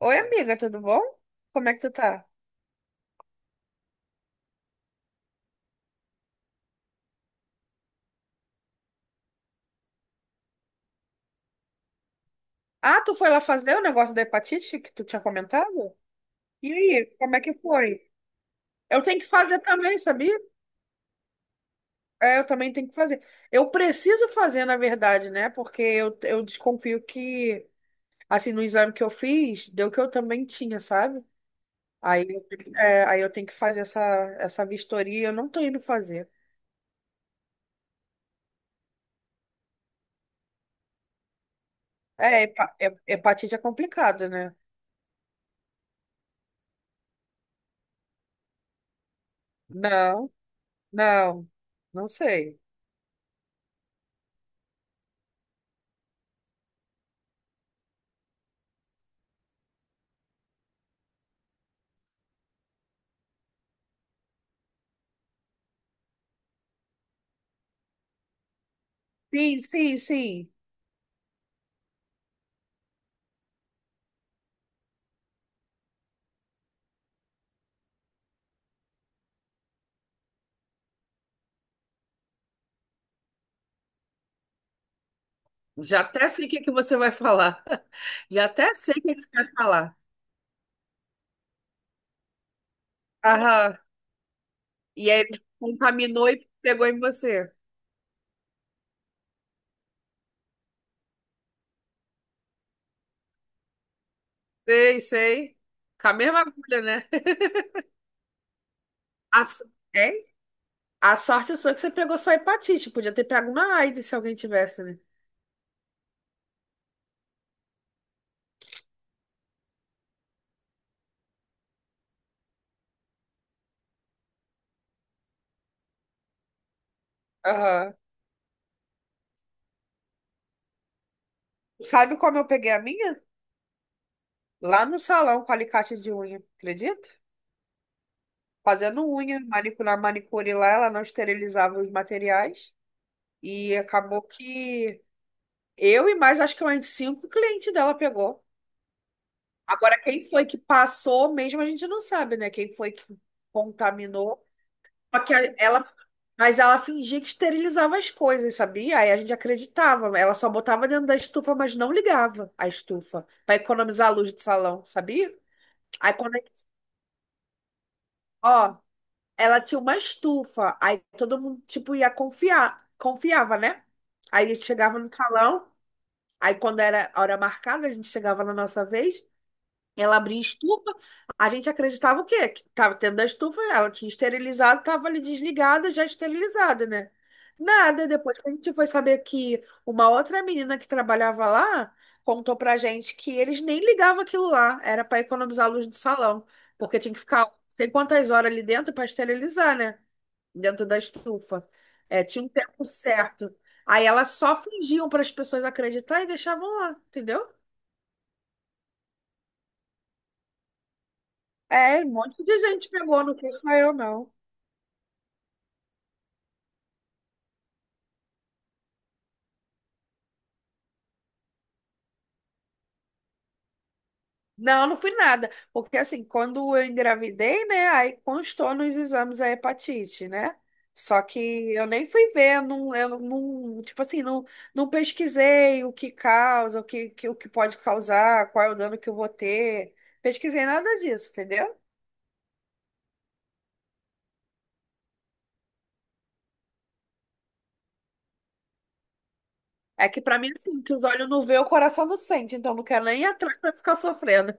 Oi, amiga, tudo bom? Como é que tu tá? Ah, tu foi lá fazer o negócio da hepatite que tu tinha comentado? E aí, como é que foi? Eu tenho que fazer também, sabia? É, eu também tenho que fazer. Eu preciso fazer, na verdade, né? Porque eu desconfio que, assim, no exame que eu fiz, deu que eu também tinha, sabe? Aí, eu- Aí eu tenho que fazer essa, essa vistoria, eu não tô indo fazer. É, hepatite é complicado, né? Não, não, não sei. Sim, sim, sim. Já até sei o que que você vai falar. Já até sei o que que você vai falar. Aham. E aí ele contaminou e pegou em você. Sei, sei. Com a mesma agulha, né? A, s- É? A sorte sua é que você pegou só hepatite. Podia ter pego uma AIDS se alguém tivesse, né? Aham. Sabe como eu peguei a minha? Lá no salão com alicate de unha, acredita? Fazendo unha, na manicure lá, ela não esterilizava os materiais. E acabou que eu e mais, acho que mais cinco clientes dela pegou. Agora, quem foi que passou mesmo, a gente não sabe, né? Quem foi que contaminou. Só que ela, mas ela fingia que esterilizava as coisas, sabia? Aí a gente acreditava. Ela só botava dentro da estufa, mas não ligava a estufa, para economizar a luz do salão, sabia? Aí quando, ó, ela tinha uma estufa, aí todo mundo, tipo, ia confiar, confiava, né? Aí a gente chegava no salão, aí quando era a hora marcada, a gente chegava na nossa vez, ela abria estufa. A gente acreditava o quê? Que tava dentro da estufa, ela tinha esterilizado, tava ali desligada, já esterilizada, né? Nada. Depois que a gente foi saber que uma outra menina que trabalhava lá contou pra gente que eles nem ligavam aquilo lá, era para economizar a luz do salão, porque tinha que ficar não sei quantas horas ali dentro para esterilizar, né? Dentro da estufa. É, tinha um tempo certo. Aí elas só fingiam para as pessoas acreditar e deixavam lá, entendeu? É, um monte de gente pegou, não fui só eu, não. Não, não fui nada. Porque assim, quando eu engravidei, né? Aí constou nos exames a hepatite, né? Só que eu nem fui ver, não, eu não, tipo assim, não, não pesquisei o que causa, o que pode causar, qual é o dano que eu vou ter. Pesquisei nada disso, entendeu? É que pra mim, assim, que os olhos não vê, o coração não sente, então não quero nem ir atrás pra ficar sofrendo.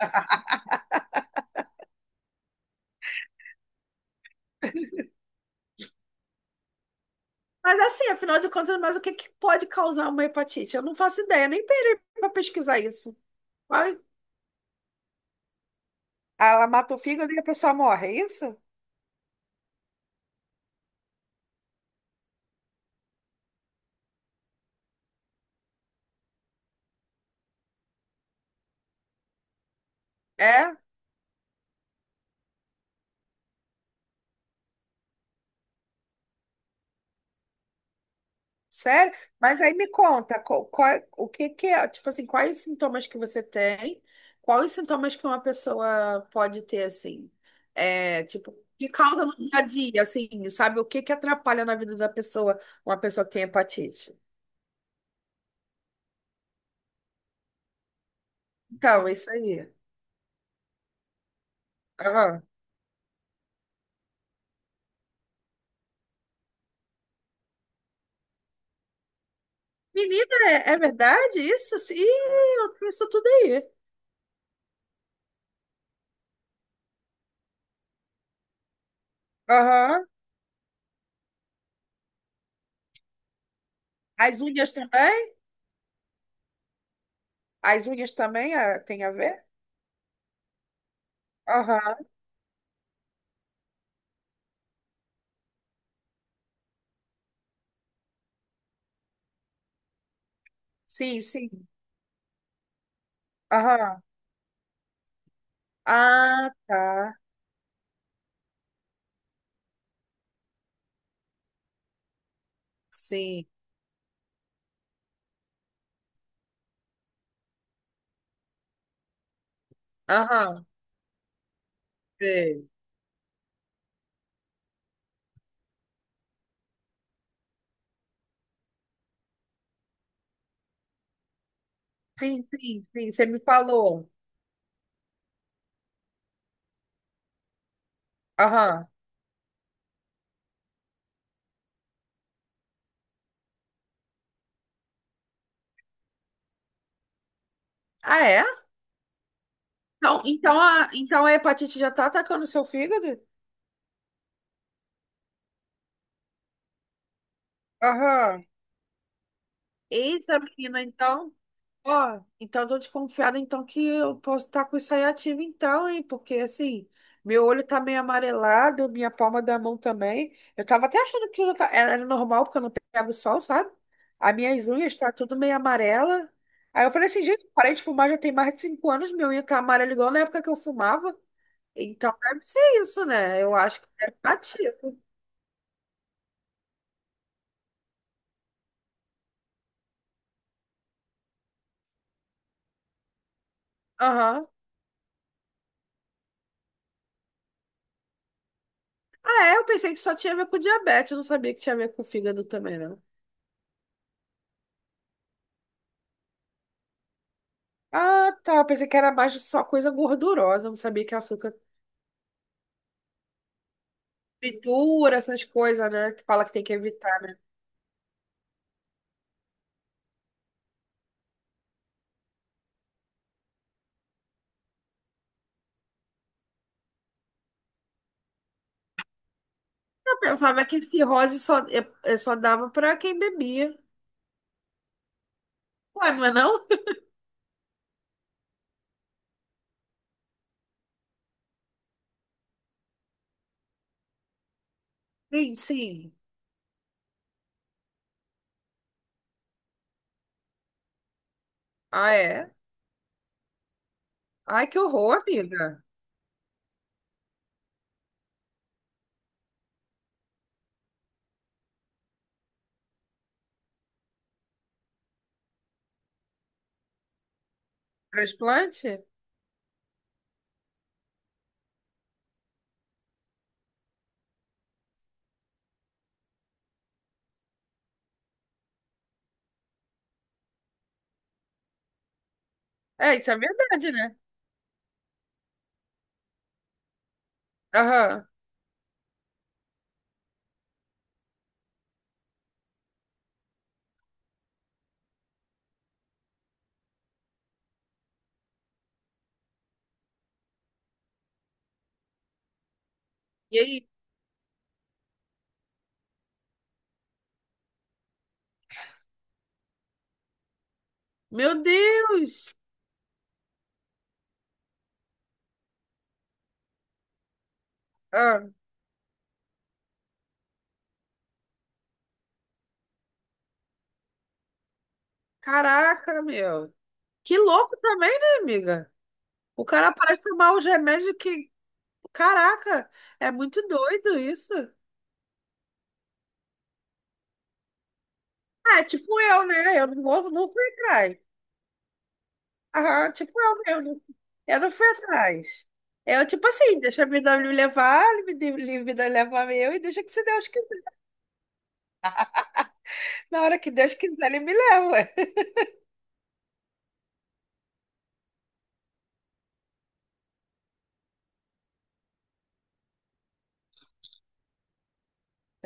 Mas assim, afinal de contas, mas o que que pode causar uma hepatite? Eu não faço ideia, nem parei para pesquisar isso. Ai, ela mata o fígado e a pessoa morre, é isso? É? Sério? Mas aí me conta, o que que é, tipo assim, quais os sintomas que você tem? Quais os sintomas que uma pessoa pode ter, assim? É, tipo, que causa no dia a dia, assim, sabe? O que que atrapalha na vida da pessoa, uma pessoa que tem hepatite? Então, é isso aí. Aham. Menina, é verdade isso? Sim, eu tenho isso tudo aí. Aham. As unhas também? As unhas também ah, tem a ver? Aham. Sim, sim. Aham. Ah, tá. Sim. Aham. Sei. Sim, sim, sim. Você me falou. Aham. Ah, é? Então, então, a, então a hepatite já tá atacando o seu fígado? Aham. Eita, menina, então. Ó, então tô desconfiada então que eu posso estar com isso aí ativo então, hein? Porque assim, meu olho tá meio amarelado, minha palma da mão também. Eu tava até achando que eu era normal, porque eu não pego sol, sabe? As minhas unhas tá tudo meio amarela. Aí eu falei assim, gente, parei de fumar já tem mais de 5 anos, minha unha tá amarela igual na época que eu fumava. Então deve ser isso, né? Eu acho que deve estar ativo. Aham. Ah, é, eu pensei que só tinha a ver com diabetes, eu não sabia que tinha a ver com fígado também, né? Ah, tá. Pensei que era mais só coisa gordurosa. Não sabia que açúcar fritura, essas coisas, né? Que fala que tem que evitar, né? Eu pensava que cirrose só, é só dava pra quem bebia. Ué, não é não? Sim, sim. Ah, é? Ai, que horror, amiga. Transplante? É, isso é verdade, né? Aham. E aí? Meu Deus! Ah, caraca, meu. Que louco também, né, amiga? O cara parece tomar os remédios que. Caraca, é muito doido isso. Ah, tipo eu, né? Eu não vou, não fui atrás. Aham, tipo eu mesmo. Eu não fui atrás. Eu, tipo assim, deixa a vida me levar, me vida levar eu e deixa que se Deus quiser. Na hora que Deus quiser, ele me leva.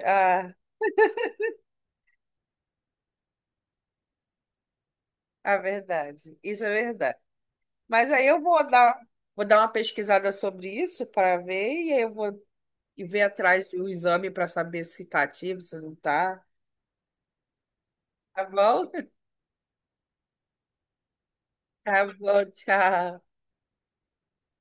Ah, a verdade. Isso é verdade. Mas aí eu vou dar uma pesquisada sobre isso para ver, e aí eu vou ver atrás do exame para saber se tá ativo, se não tá. Tá bom? Tá bom, tchau.